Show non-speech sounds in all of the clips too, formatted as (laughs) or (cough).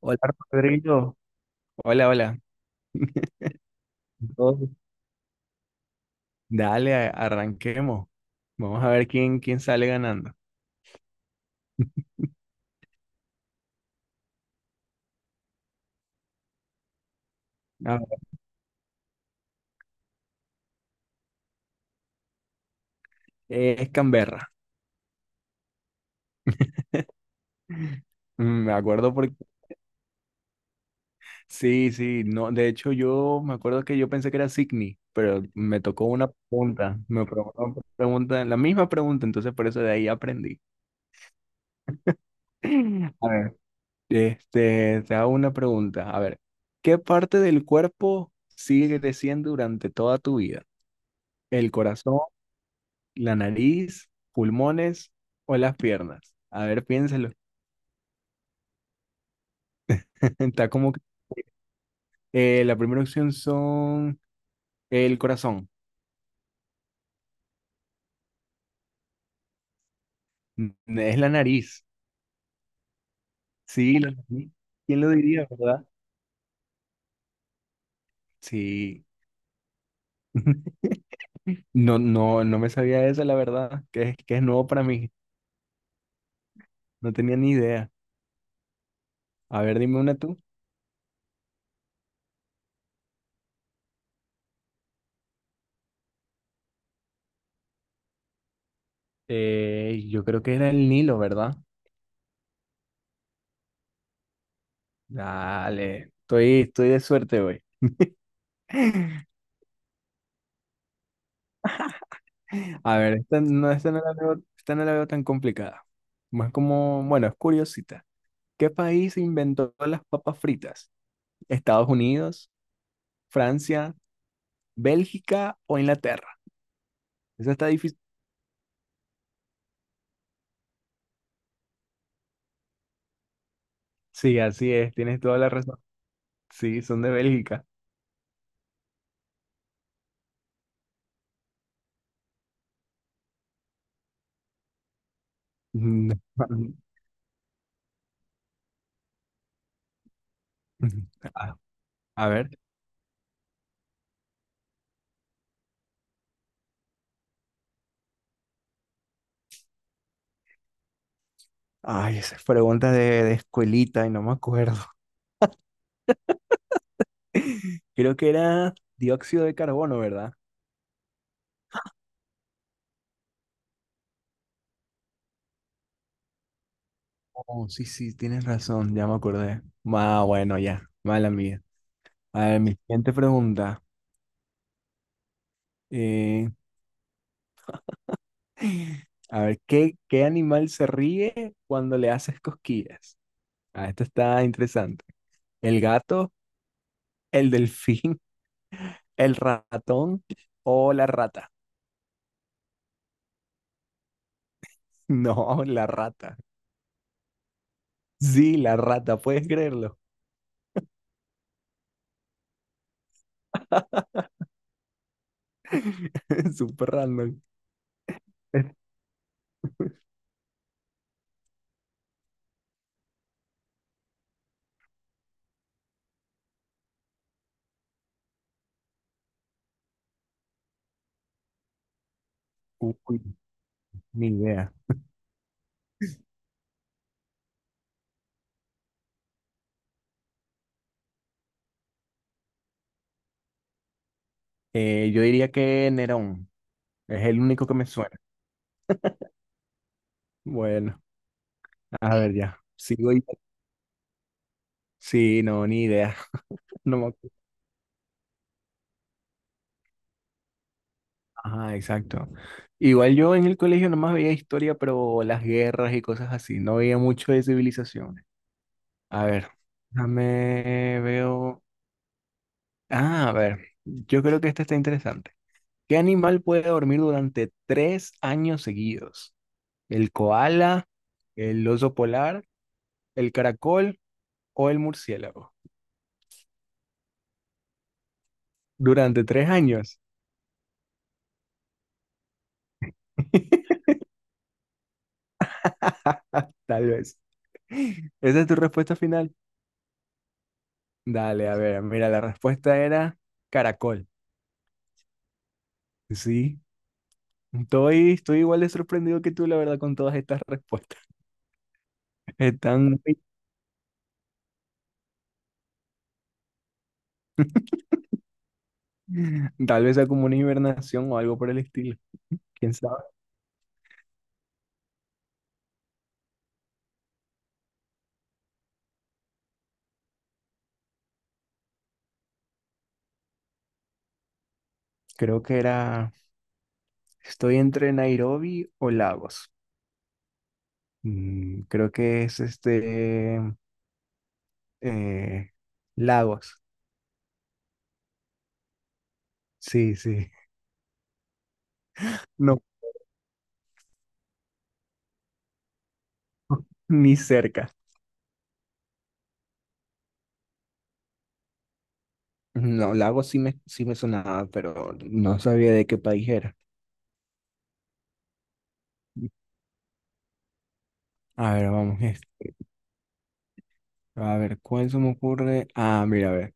Hola Rodrigo, hola, hola. Todo. Dale, arranquemos. Vamos a ver quién sale ganando. A ver, es Canberra. Me acuerdo porque sí, no, de hecho yo me acuerdo que yo pensé que era Sydney, pero me tocó una pregunta, me preguntó una pregunta, la misma pregunta, entonces por eso de ahí aprendí. (laughs) A ver, te hago una pregunta. A ver, ¿qué parte del cuerpo sigue creciendo durante toda tu vida? ¿El corazón, la nariz, pulmones o las piernas? A ver, piénsalo. (laughs) Está como que, la primera opción son el corazón. N- Es la nariz. Sí, la nariz. ¿Quién lo diría, verdad? Sí. (laughs) No, no, no me sabía eso, la verdad, que es nuevo para mí. No tenía ni idea. A ver, dime una tú. Yo creo que era el Nilo, ¿verdad? Dale, estoy de suerte hoy. (laughs) A ver, esta no la veo tan complicada. Más como, bueno, es curiosita. ¿Qué país inventó las papas fritas? ¿Estados Unidos, Francia, Bélgica o Inglaterra? Esa está difícil. Sí, así es, tienes toda la razón. Sí, son de Bélgica. Mm, (laughs) A a ver. Ay, de escuelita y no me acuerdo. Creo que era dióxido de carbono, ¿verdad? Oh, sí, sí, tienes razón, ya me acordé. Ah, bueno, ya, mala mía. A ver, mi siguiente pregunta. eh, a ver, ¿qué animal se ríe cuando le haces cosquillas? Ah, esto está interesante. ¿El gato, el delfín, (laughs) el ratón o la rata? (laughs) No, la rata. Sí, la rata, puedes creerlo. (laughs) Súper random. Es- Uy, ni idea. Yo diría que Nerón. Es el único que me suena. Bueno, a ver ya. Sigo yo. Sí, no, ni idea. (laughs) No me acuerdo. Ajá, exacto. Igual yo en el colegio nomás veía historia, pero las guerras y cosas así. No veía mucho de civilizaciones. A ver, déjame veo. Ah, a ver, yo creo que esta está interesante. ¿Qué animal puede dormir durante 3 años seguidos? ¿El koala, el oso polar, el caracol o el murciélago? Durante tres años, (laughs) tal vez. ¿Esa es tu respuesta final? Dale, a ver, mira, la respuesta era caracol. Sí, estoy igual de sorprendido que tú, la verdad, con todas estas respuestas. (laughs) Están, tal vez sea como una hibernación o algo por el estilo. ¿Quién sabe? Creo que era, estoy entre Nairobi o Lagos. Creo que es eh, Lagos. Sí, sí. No, (laughs) ni cerca. No, sí me sonaba, pero no sabía de qué país era. A ver, vamos. A ver, ¿cuál se me ocurre? Ah, mira, a ver.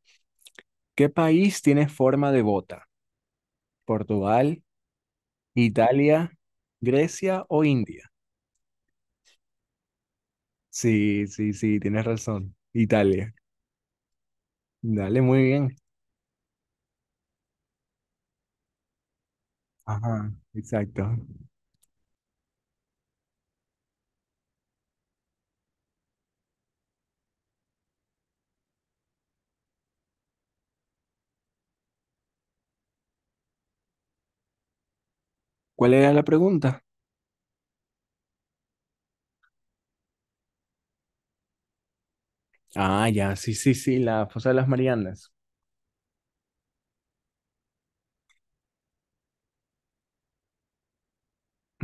¿Qué país tiene forma de bota? ¿Portugal, Italia, Grecia o India? Sí, sí, sí, tienes razón. Italia. Dale, muy bien. Ajá, exacto. ¿Cuál era la pregunta? Ah, ya, sí, sí, sí, la fosa de las Marianas.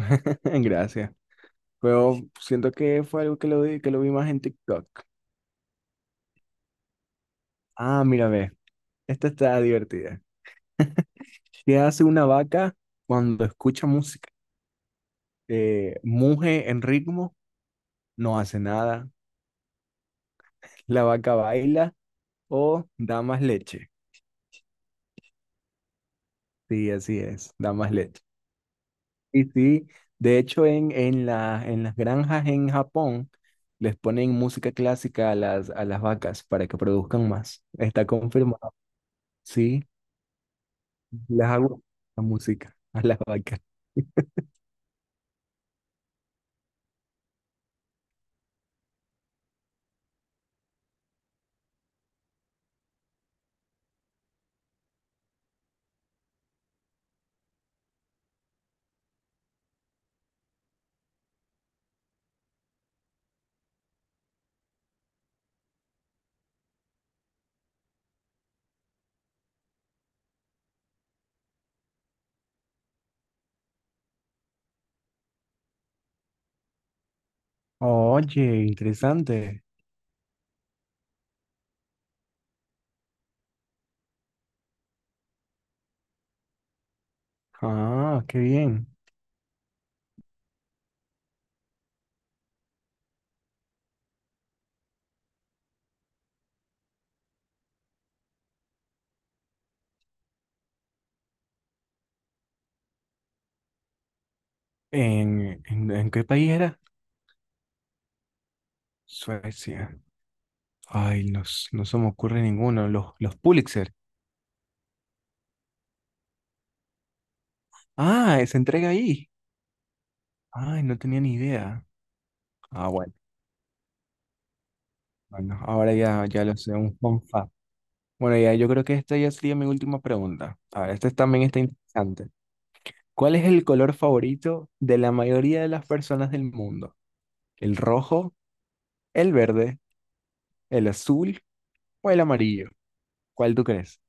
(laughs) Gracias. Pero siento que fue algo que lo vi más en TikTok. Ah, mira, ve. Esta está divertida. ¿Qué hace una vaca cuando escucha música? ¿Muge en ritmo? No hace nada. La vaca baila. O da más leche. Sí, así es, da más leche. Y sí, de hecho en las granjas en Japón les ponen música clásica a a las vacas para que produzcan más. Está confirmado. Sí, les hago la música a las vacas. Oye, interesante. Ah, qué bien. ¿En qué país era? Suecia. Ay, no, no se me ocurre ninguno. Los Pulitzer. Ah, se entrega ahí. Ay, no tenía ni idea. Ah, bueno. Bueno, ahora ya, ya lo sé, un fun fact. Bueno, ya yo creo que esta ya sería mi última pregunta. A ver, esta también está interesante. ¿Cuál es el color favorito de la mayoría de las personas del mundo? ¿El rojo, el verde, el azul o el amarillo? ¿Cuál tú crees?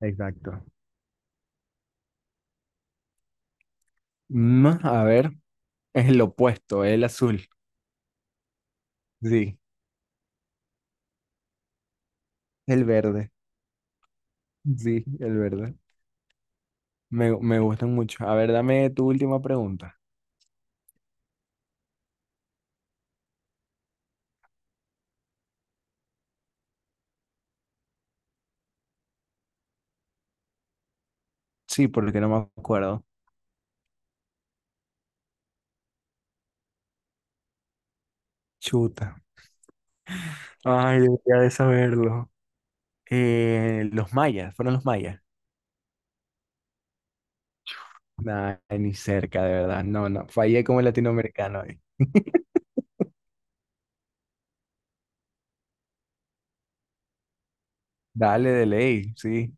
Exacto. A ver, es el opuesto, el azul. Sí, el verde. Sí, el verde. Me gustan mucho. A ver, dame tu última pregunta. Sí, porque no me acuerdo. Chuta. Ay, debería de saberlo. Fueron los mayas. Nah, ni cerca, de verdad. No, no, fallé como latinoamericano ahí. Dale de ley, sí.